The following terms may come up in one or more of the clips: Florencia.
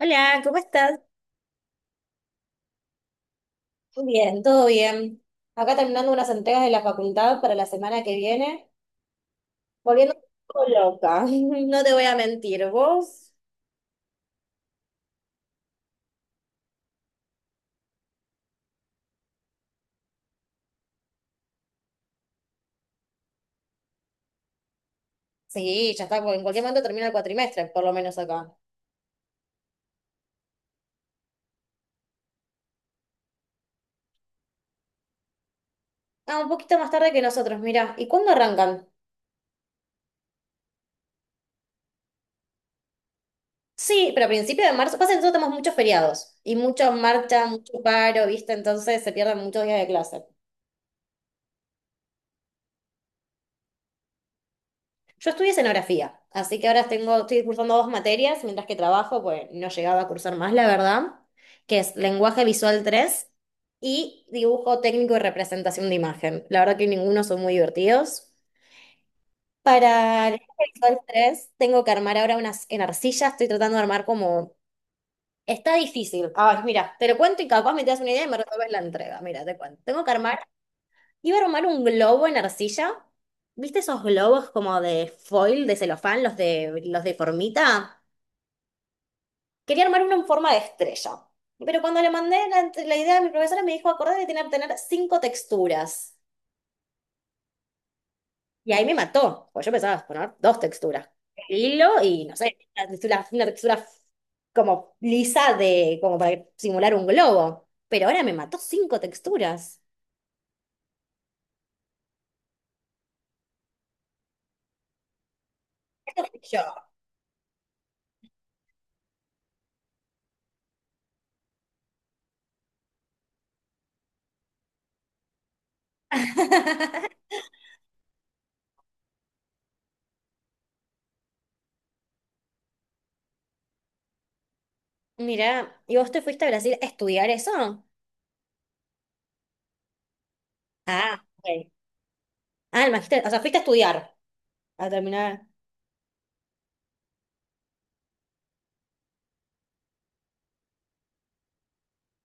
Hola, ¿cómo estás? Muy bien, todo bien. Acá terminando unas entregas de la facultad para la semana que viene, volviendo un poco loca, no te voy a mentir, ¿vos? Sí, ya está, porque en cualquier momento termina el cuatrimestre, por lo menos acá. Ah, un poquito más tarde que nosotros, mirá. ¿Y cuándo arrancan? Sí, pero a principios de marzo, pasa que nosotros tenemos muchos feriados y mucha marcha, mucho paro, ¿viste? Entonces se pierden muchos días de clase. Yo estudié escenografía, así que ahora tengo, estoy cursando 2 materias mientras que trabajo, pues no llegaba a cursar más, la verdad, que es lenguaje visual 3 y dibujo técnico y representación de imagen. La verdad que ninguno son muy divertidos. Para lenguaje visual 3 tengo que armar ahora unas en arcilla, estoy tratando de armar como... Está difícil. Ay, mira, te lo cuento y capaz me das una idea y me resuelves la entrega. Mira, te cuento. Tengo que armar Iba a armar un globo en arcilla. ¿Viste esos globos como de foil, de celofán, los de formita? Quería armar uno en forma de estrella. Pero cuando le mandé la idea a mi profesora, me dijo, acordate que tiene que tener 5 texturas. Y ahí me mató, porque yo pensaba poner 2 texturas. El hilo y, no sé, una textura como lisa de, como para simular un globo. Pero ahora me mató 5 texturas. Yo. Mira, ¿y vos te fuiste a Brasil a estudiar eso? Ah, ok. Ah, el magisterio. O sea, fuiste a estudiar, a terminar.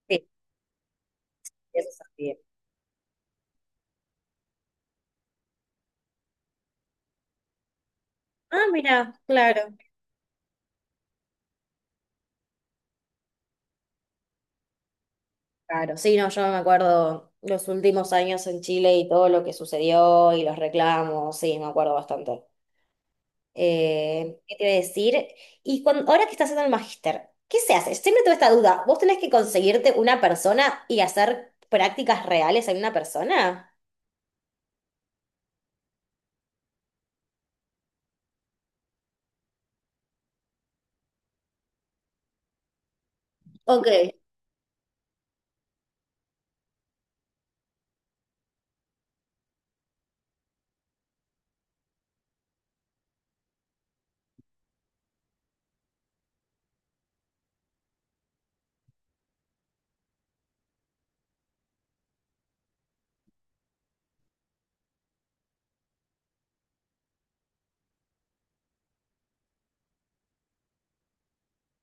Sí, eso es así. Ah, mira, claro. Claro, sí, no, yo me acuerdo los últimos años en Chile y todo lo que sucedió y los reclamos, sí, me acuerdo bastante. ¿Qué te iba a decir? Y cuando, ahora que estás haciendo el magíster, ¿qué se hace? Siempre tuve esta duda. ¿Vos tenés que conseguirte una persona y hacer prácticas reales en una persona? Ok.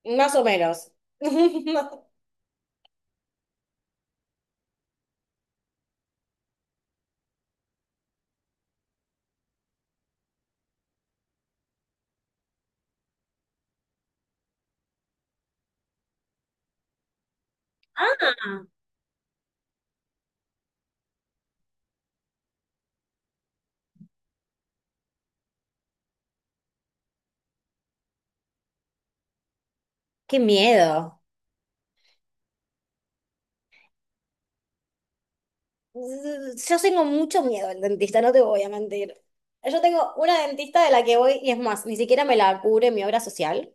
Más o menos. Ah, qué miedo. Mm, yo tengo mucho miedo al dentista, no te voy a mentir. Yo tengo una dentista de la que voy, y es más, ni siquiera me la cubre mi obra social.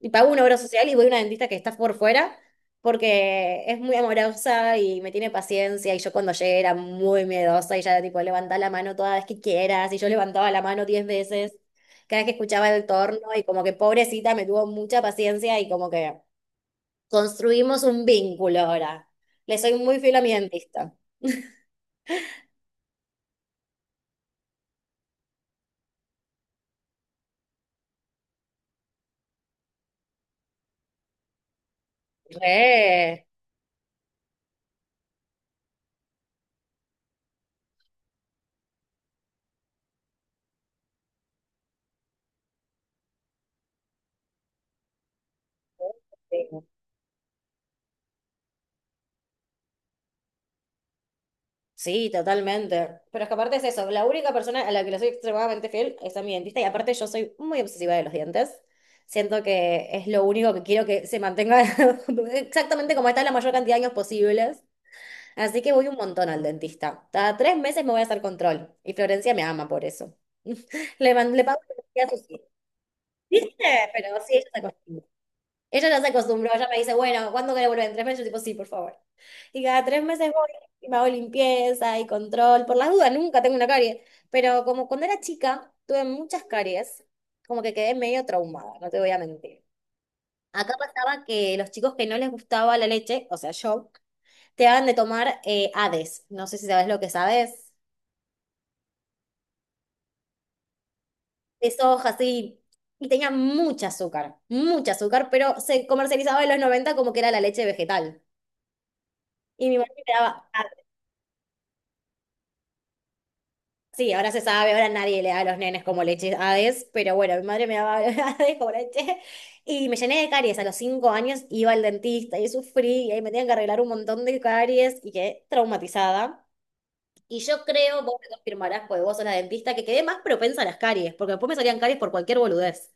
Y pago una obra social y voy a una dentista que está por fuera porque es muy amorosa y me tiene paciencia. Y yo cuando llegué era muy miedosa y ya tipo levantá la mano toda vez que quieras. Y yo levantaba la mano 10 veces cada vez que escuchaba el torno y como que pobrecita me tuvo mucha paciencia y como que construimos un vínculo ahora. Le soy muy fiel a mi dentista. Re. Sí, sí, totalmente. Pero es que aparte es eso, la única persona a la que le soy extremadamente fiel es a mi dentista y aparte yo soy muy obsesiva de los dientes. Siento que es lo único que quiero que se mantenga exactamente como está la mayor cantidad de años posibles. Así que voy un montón al dentista. Cada 3 meses me voy a hacer control y Florencia me ama por eso. Le, man- le pago a sus pero sí, ella se acostumbra. Ella ya se acostumbró, ella me dice, bueno, ¿cuándo querés volver? ¿En 3 meses? Yo tipo, sí, por favor. Y cada 3 meses voy y me hago limpieza y control. Por las dudas, nunca tengo una carie. Pero como cuando era chica, tuve muchas caries, como que quedé medio traumada, no te voy a mentir. Acá pasaba que los chicos que no les gustaba la leche, o sea, yo, te daban de tomar Hades. No sé si sabes lo que sabes. De soja, así. Y tenía mucha azúcar, pero se comercializaba en los 90 como que era la leche vegetal. Y mi mamá me daba sí, ahora se sabe, ahora nadie le da a los nenes como leche Hades, pero bueno, mi madre me daba Hades como leche y me llené de caries. A los 5 años iba al dentista y sufrí y ahí me tenían que arreglar un montón de caries y quedé traumatizada. Y yo creo, vos me confirmarás, porque vos sos la dentista, que quedé más propensa a las caries, porque después me salían caries por cualquier boludez.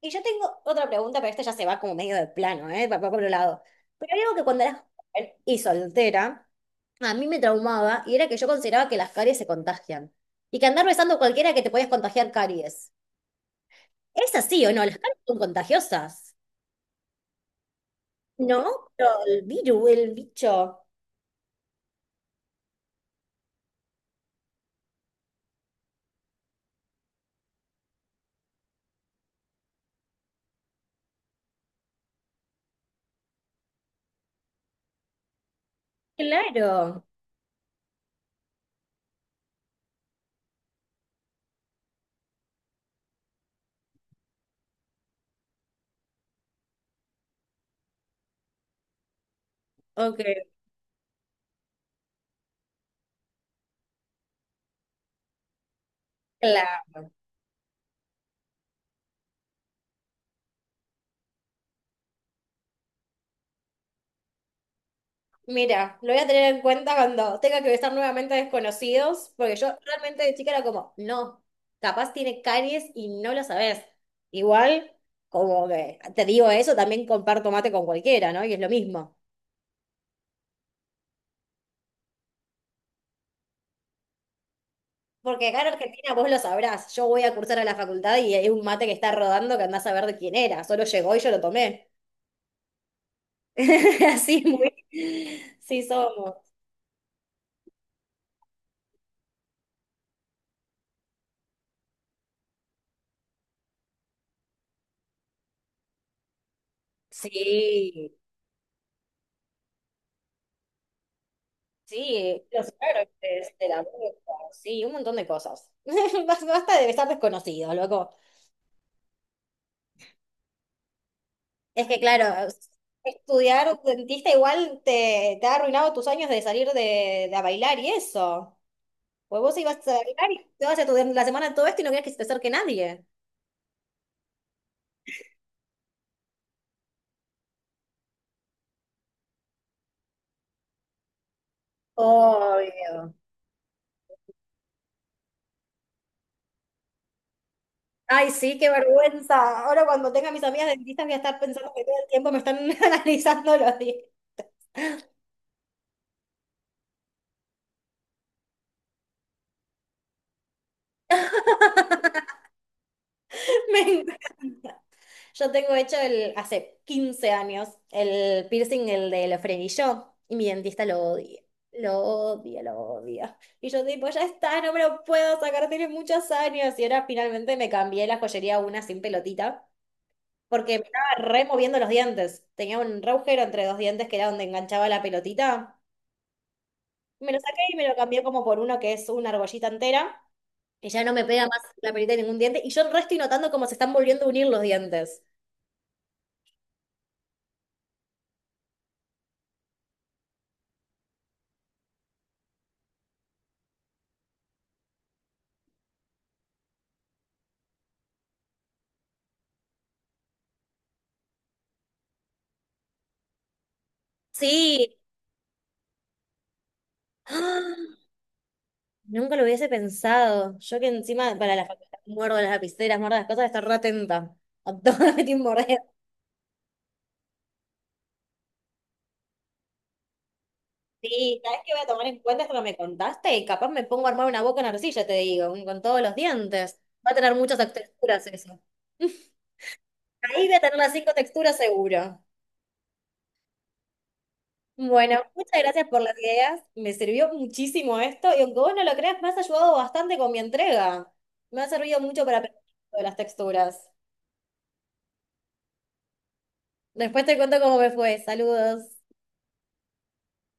Y yo tengo otra pregunta, pero esta ya se va como medio de plano, ¿eh? Va por un lado. Pero hay algo que cuando eras joven y soltera, a mí me traumaba y era que yo consideraba que las caries se contagian y que andar besando a cualquiera que te podías contagiar caries. ¿Es así o no? Las caries son contagiosas. No, pero el virus, el bicho. Claro. Ok, claro. Mira, lo voy a tener en cuenta cuando tenga que besar nuevamente a desconocidos, porque yo realmente de chica era como, no, capaz tiene caries y no lo sabes. Igual, como que te digo eso, también comparto mate con cualquiera, ¿no? Y es lo mismo. Porque acá en Argentina vos lo sabrás, yo voy a cursar a la facultad y hay un mate que está rodando que andás a ver de quién era, solo llegó y yo lo tomé. Así muy, sí somos. Sí, sí, los árboles, de la boca, sí, un montón de cosas. Bas- Basta de estar desconocido, loco. Es que claro, estudiar dentista igual te ha arruinado tus años de salir de a bailar y eso. Pues vos ibas a bailar y te vas a estudiar la semana todo esto y no querías que se te acerque nadie. Obvio. Ay, sí, qué vergüenza. Ahora cuando tenga a mis amigas dentistas voy a estar pensando que todo el tiempo me están analizando los dientes. Me encanta. Yo tengo hecho el, hace 15 años, el piercing, el del frenillo, y mi dentista lo odia. Lo odia, lo odia. Y yo tipo, ya está, no me lo puedo sacar, tiene muchos años. Y ahora finalmente me cambié la joyería a una sin pelotita, porque me estaba removiendo los dientes. Tenía un re agujero entre 2 dientes que era donde enganchaba la pelotita. Me lo saqué y me lo cambié como por uno que es una argollita entera, que ya no me pega más la perita de ningún diente. Y yo el resto estoy notando cómo se están volviendo a unir los dientes. Sí. ¡Ah! Nunca lo hubiese pensado. Yo que encima para la facultad muerdo las lapiceras, muerdo las cosas, estar re atenta. A todo lo que tiene morder. Sí, ¿sabes qué voy a tomar en cuenta esto que me contaste? Y capaz me pongo a armar una boca en arcilla, te digo, con todos los dientes. Va a tener muchas texturas eso. Ahí voy a tener las 5 texturas seguro. Bueno, muchas gracias por las ideas. Me sirvió muchísimo esto y aunque vos no lo creas, me has ayudado bastante con mi entrega. Me ha servido mucho para aprender de las texturas. Después te cuento cómo me fue. Saludos.